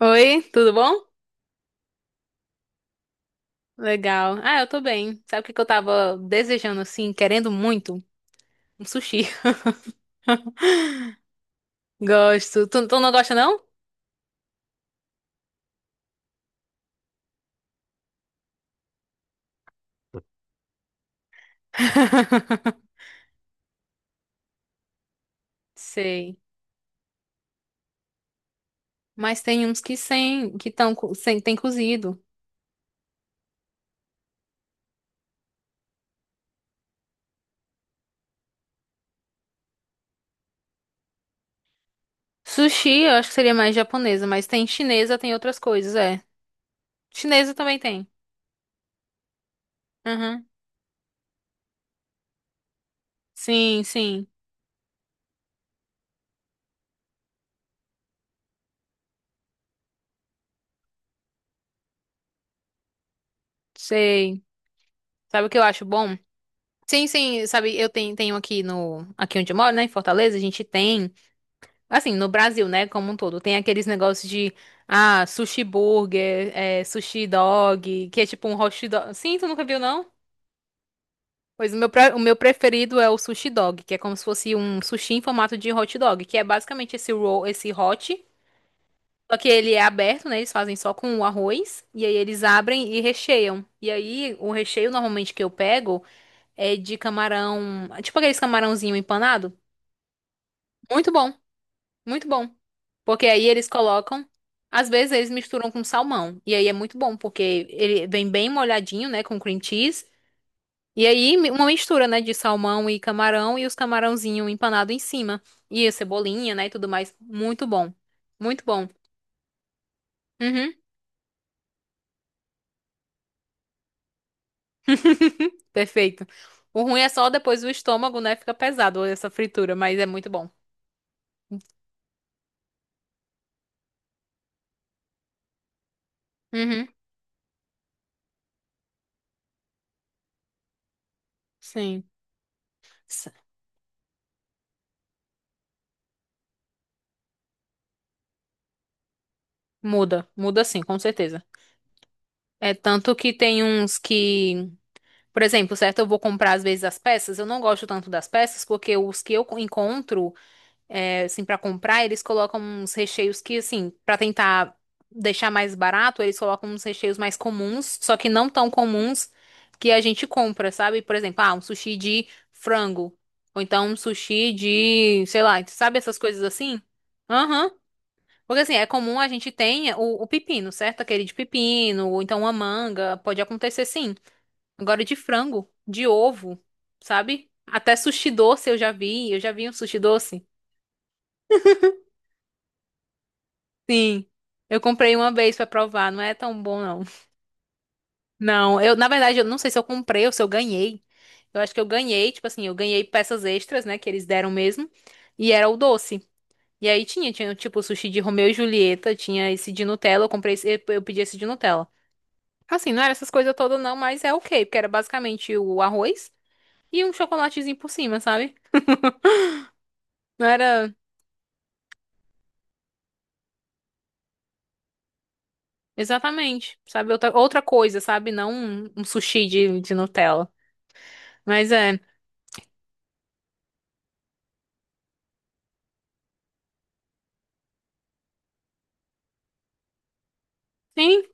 Oi, tudo bom? Legal. Ah, eu tô bem. Sabe o que que eu tava desejando, assim, querendo muito? Um sushi. Gosto. Tu não gosta, não? Sei. Mas tem uns que sem, que tão, co- sem, tem cozido. Sushi, eu acho que seria mais japonesa, mas tem chinesa, tem outras coisas, é. Chinesa também tem. Uhum. Sim, sim. Sei. Sabe o que eu acho bom? Sim, sim, sabe, eu tenho, tenho aqui no, aqui onde eu moro, né, em Fortaleza, a gente tem. Assim, no Brasil, né, como um todo, tem aqueles negócios de, ah, sushi burger, é, sushi dog, que é tipo um hot dog. Sim, tu nunca viu, não? Pois o meu, pre- o meu preferido é o sushi dog, que é como se fosse um sushi em formato de hot dog, que é basicamente esse roll, esse hot, só que ele é aberto, né, eles fazem só com o arroz, e aí eles abrem e recheiam. E aí, o recheio normalmente que eu pego é de camarão, tipo aqueles camarãozinho empanado, muito bom. Muito bom. Porque aí eles colocam, às vezes eles misturam com salmão. E aí é muito bom, porque ele vem bem molhadinho, né, com cream cheese. E aí mi- uma mistura, né, de salmão e camarão e os camarãozinho empanado em cima. E a cebolinha, né, e tudo mais. Muito bom. Muito bom. Uhum. Perfeito. O ruim é só depois o estômago, né, fica pesado essa fritura, mas é muito bom. Uhum. Sim. S- Muda, muda sim, com certeza. É tanto que tem uns que. Por exemplo, certo? Eu vou comprar às vezes as peças. Eu não gosto tanto das peças porque os que eu co- encontro, é, assim, para comprar, eles colocam uns recheios que, assim, para tentar deixar mais barato, eles colocam uns recheios mais comuns, só que não tão comuns que a gente compra, sabe? Por exemplo, ah, um sushi de frango. Ou então um sushi de, sei lá, sabe essas coisas assim? Aham. Porque assim, é comum a gente tenha o pepino, certo? Aquele de pepino, ou então uma manga, pode acontecer sim. Agora de frango, de ovo, sabe? Até sushi doce eu já vi um sushi doce. Sim. Eu comprei uma vez pra provar, não é tão bom não. Não, eu na verdade eu não sei se eu comprei ou se eu ganhei. Eu acho que eu ganhei, tipo assim, eu ganhei peças extras, né, que eles deram mesmo, e era o doce. E aí tinha, tinha tipo sushi de Romeu e Julieta, tinha esse de Nutella, eu comprei esse, eu pedi esse de Nutella. Assim, não era essas coisas todas não, mas é ok, porque era basicamente o arroz e um chocolatezinho por cima, sabe? Não era. Exatamente, sabe? Outra, outra coisa, sabe? Não um, um sushi de Nutella. Mas é. Sim,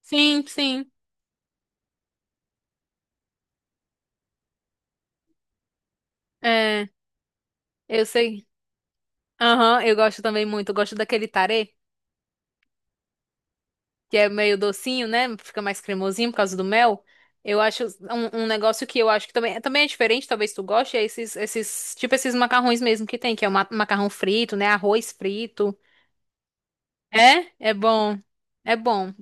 sim, sim. É, eu sei. Aham, eu gosto também muito. Eu gosto daquele tarê, que é meio docinho, né? Fica mais cremosinho por causa do mel. Eu acho um, um negócio que eu acho que também, também é diferente, talvez tu goste, é esses, esses, tipo esses macarrões mesmo que tem, que é o ma- macarrão frito, né? Arroz frito. É? É bom. É bom.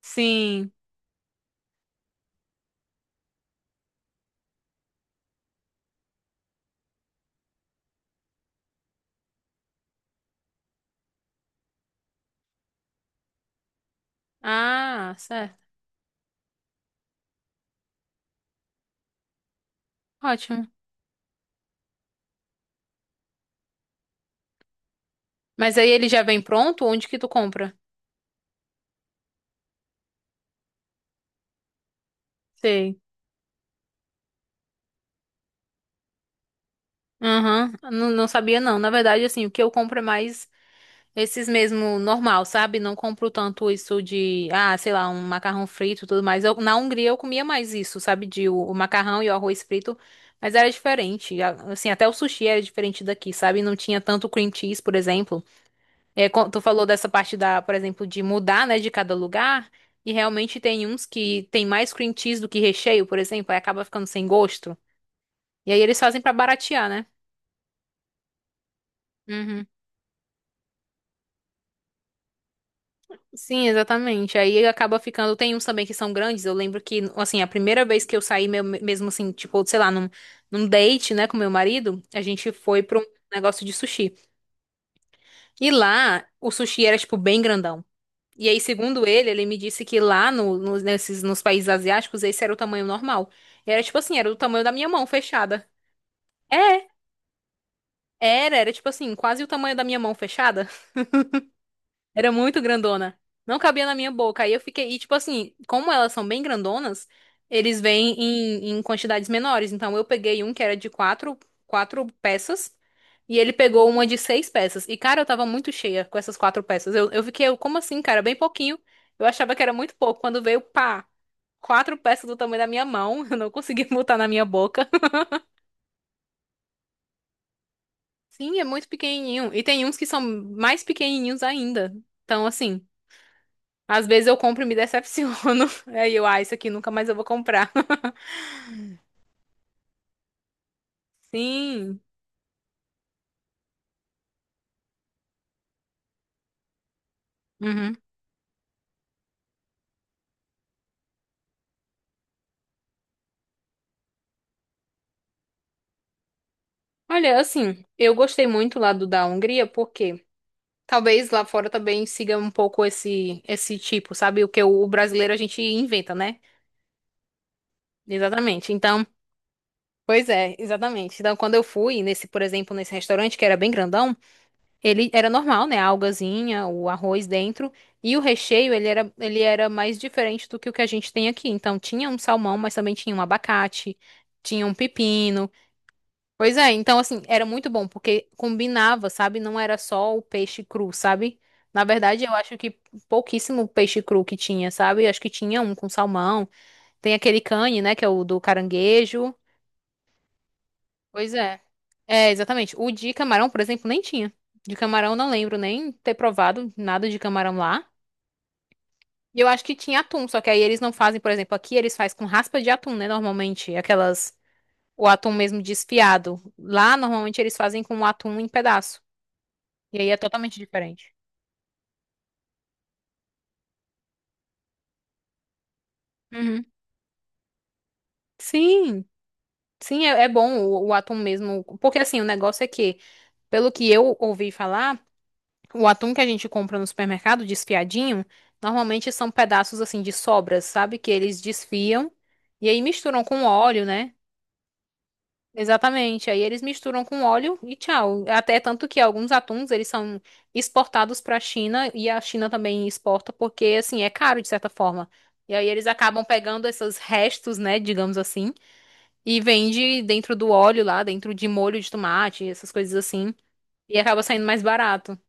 Sim. Ah, certo. Ótimo. Mas aí ele já vem pronto? Onde que tu compra? Sei. Aham. Não, não sabia não. Na verdade, assim, o que eu compro é mais esses mesmo normal, sabe? Não compro tanto isso de, ah, sei lá, um macarrão frito e tudo mais. Eu- na Hungria eu comia mais isso, sabe? De o macarrão e o arroz frito, mas era diferente. A- Assim, até o sushi era diferente daqui, sabe? Não tinha tanto cream cheese, por exemplo. É, quan- tu falou dessa parte da, por exemplo, de mudar, né, de cada lugar. E realmente tem uns que tem mais cream cheese do que recheio, por exemplo, aí acaba ficando sem gosto. E aí eles fazem pra baratear, né? Uhum. Sim, exatamente. Aí acaba ficando. Tem uns também que são grandes. Eu lembro que, assim, a primeira vez que eu saí, meu- mesmo assim, tipo, sei lá, num, num date, né, com meu marido, a gente foi pra um negócio de sushi. E lá, o sushi era, tipo, bem grandão. E aí, segundo ele, ele me disse que lá no, no- nesses, nos países asiáticos, esse era o tamanho normal. E era, tipo assim, era o tamanho da minha mão fechada. É, era, era, tipo assim, quase o tamanho da minha mão fechada. Era muito grandona. Não cabia na minha boca. Aí eu fiquei. E, tipo assim, como elas são bem grandonas, eles vêm em, em quantidades menores. Então eu peguei um que era de quatro, quatro peças. E ele pegou uma de seis peças. E, cara, eu tava muito cheia com essas quatro peças. Eu fiquei, eu, como assim, cara? Bem pouquinho. Eu achava que era muito pouco. Quando veio, pá, quatro peças do tamanho da minha mão. Eu não consegui botar na minha boca. Sim, é muito pequenininho. E tem uns que são mais pequenininhos ainda. Então, assim. Às vezes eu compro e me decepciono. Aí eu, ah, isso aqui nunca mais eu vou comprar. Sim. Uhum. Olha, assim, eu gostei muito lá do da Hungria, porque talvez lá fora também siga um pouco esse tipo, sabe? O que o brasileiro a gente inventa, né? Exatamente. Então, pois é, exatamente. Então, quando eu fui nesse, por exemplo, nesse restaurante que era bem grandão, ele era normal, né? A algazinha, o arroz dentro. E o recheio, ele era mais diferente do que o que a gente tem aqui. Então, tinha um salmão, mas também tinha um abacate, tinha um pepino. Pois é, então, assim, era muito bom, porque combinava, sabe? Não era só o peixe cru, sabe? Na verdade, eu acho que pouquíssimo peixe cru que tinha, sabe? Eu acho que tinha um com salmão. Tem aquele cane, né? Que é o do caranguejo. Pois é. É, exatamente. O de camarão, por exemplo, nem tinha. De camarão, não lembro nem ter provado nada de camarão lá. E eu acho que tinha atum, só que aí eles não fazem, por exemplo, aqui eles fazem com raspa de atum, né? Normalmente, aquelas. O atum mesmo desfiado. Lá, normalmente, eles fazem com o atum em pedaço. E aí é totalmente diferente. Uhum. Sim, sim, é, é bom o atum mesmo. Porque assim, o negócio é que, pelo que eu ouvi falar, o atum que a gente compra no supermercado, desfiadinho, normalmente são pedaços assim de sobras, sabe? Que eles desfiam e aí misturam com óleo, né? Exatamente. Aí eles misturam com óleo e tchau. Até tanto que alguns atuns eles são exportados para a China e a China também exporta porque assim é caro de certa forma. E aí eles acabam pegando esses restos, né, digamos assim, e vende dentro do óleo lá, dentro de molho de tomate, essas coisas assim, e acaba saindo mais barato.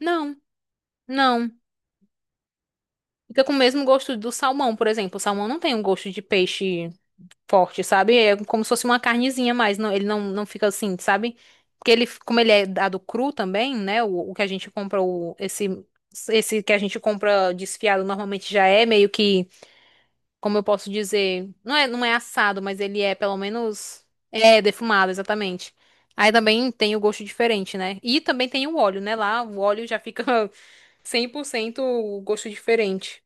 Não, não. Fica com o mesmo gosto do salmão, por exemplo. O salmão não tem um gosto de peixe forte, sabe? É como se fosse uma carnezinha, mas não, ele não, não fica assim, sabe? Porque ele, como ele é dado cru também, né? O que a gente compra, o, esse que a gente compra desfiado normalmente já é meio que, como eu posso dizer, não é, não é assado, mas ele é pelo menos é defumado, exatamente. Aí também tem o gosto diferente, né? E também tem o óleo, né? Lá o óleo já fica 100% o gosto diferente.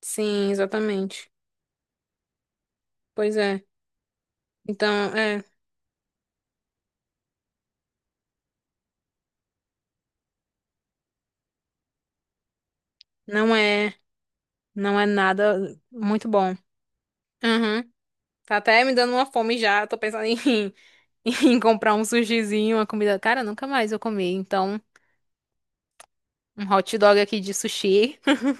Sim, exatamente. Pois é. Então, é, não é, não é nada muito bom. Uhum. Tá até me dando uma fome já. Tô pensando em, em comprar um sushizinho, uma comida. Cara, nunca mais eu comi. Então, um hot dog aqui de sushi.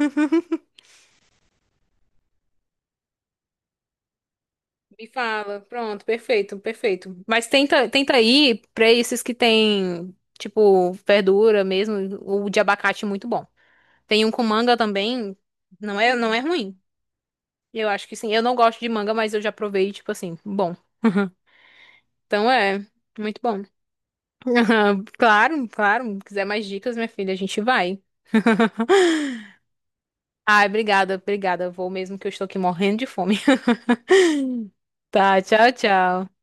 Me fala. Pronto, perfeito, perfeito. Mas tenta, tenta ir pra esses que tem, tipo, verdura mesmo. O de abacate é muito bom. Tem um com manga também. Não é, não é ruim. Eu acho que sim. Eu não gosto de manga, mas eu já provei, tipo assim, bom. Então é, muito bom. Claro, claro. Quiser mais dicas, minha filha, a gente vai. Ai, obrigada, obrigada. Vou mesmo que eu estou aqui morrendo de fome. Tá, tchau, tchau.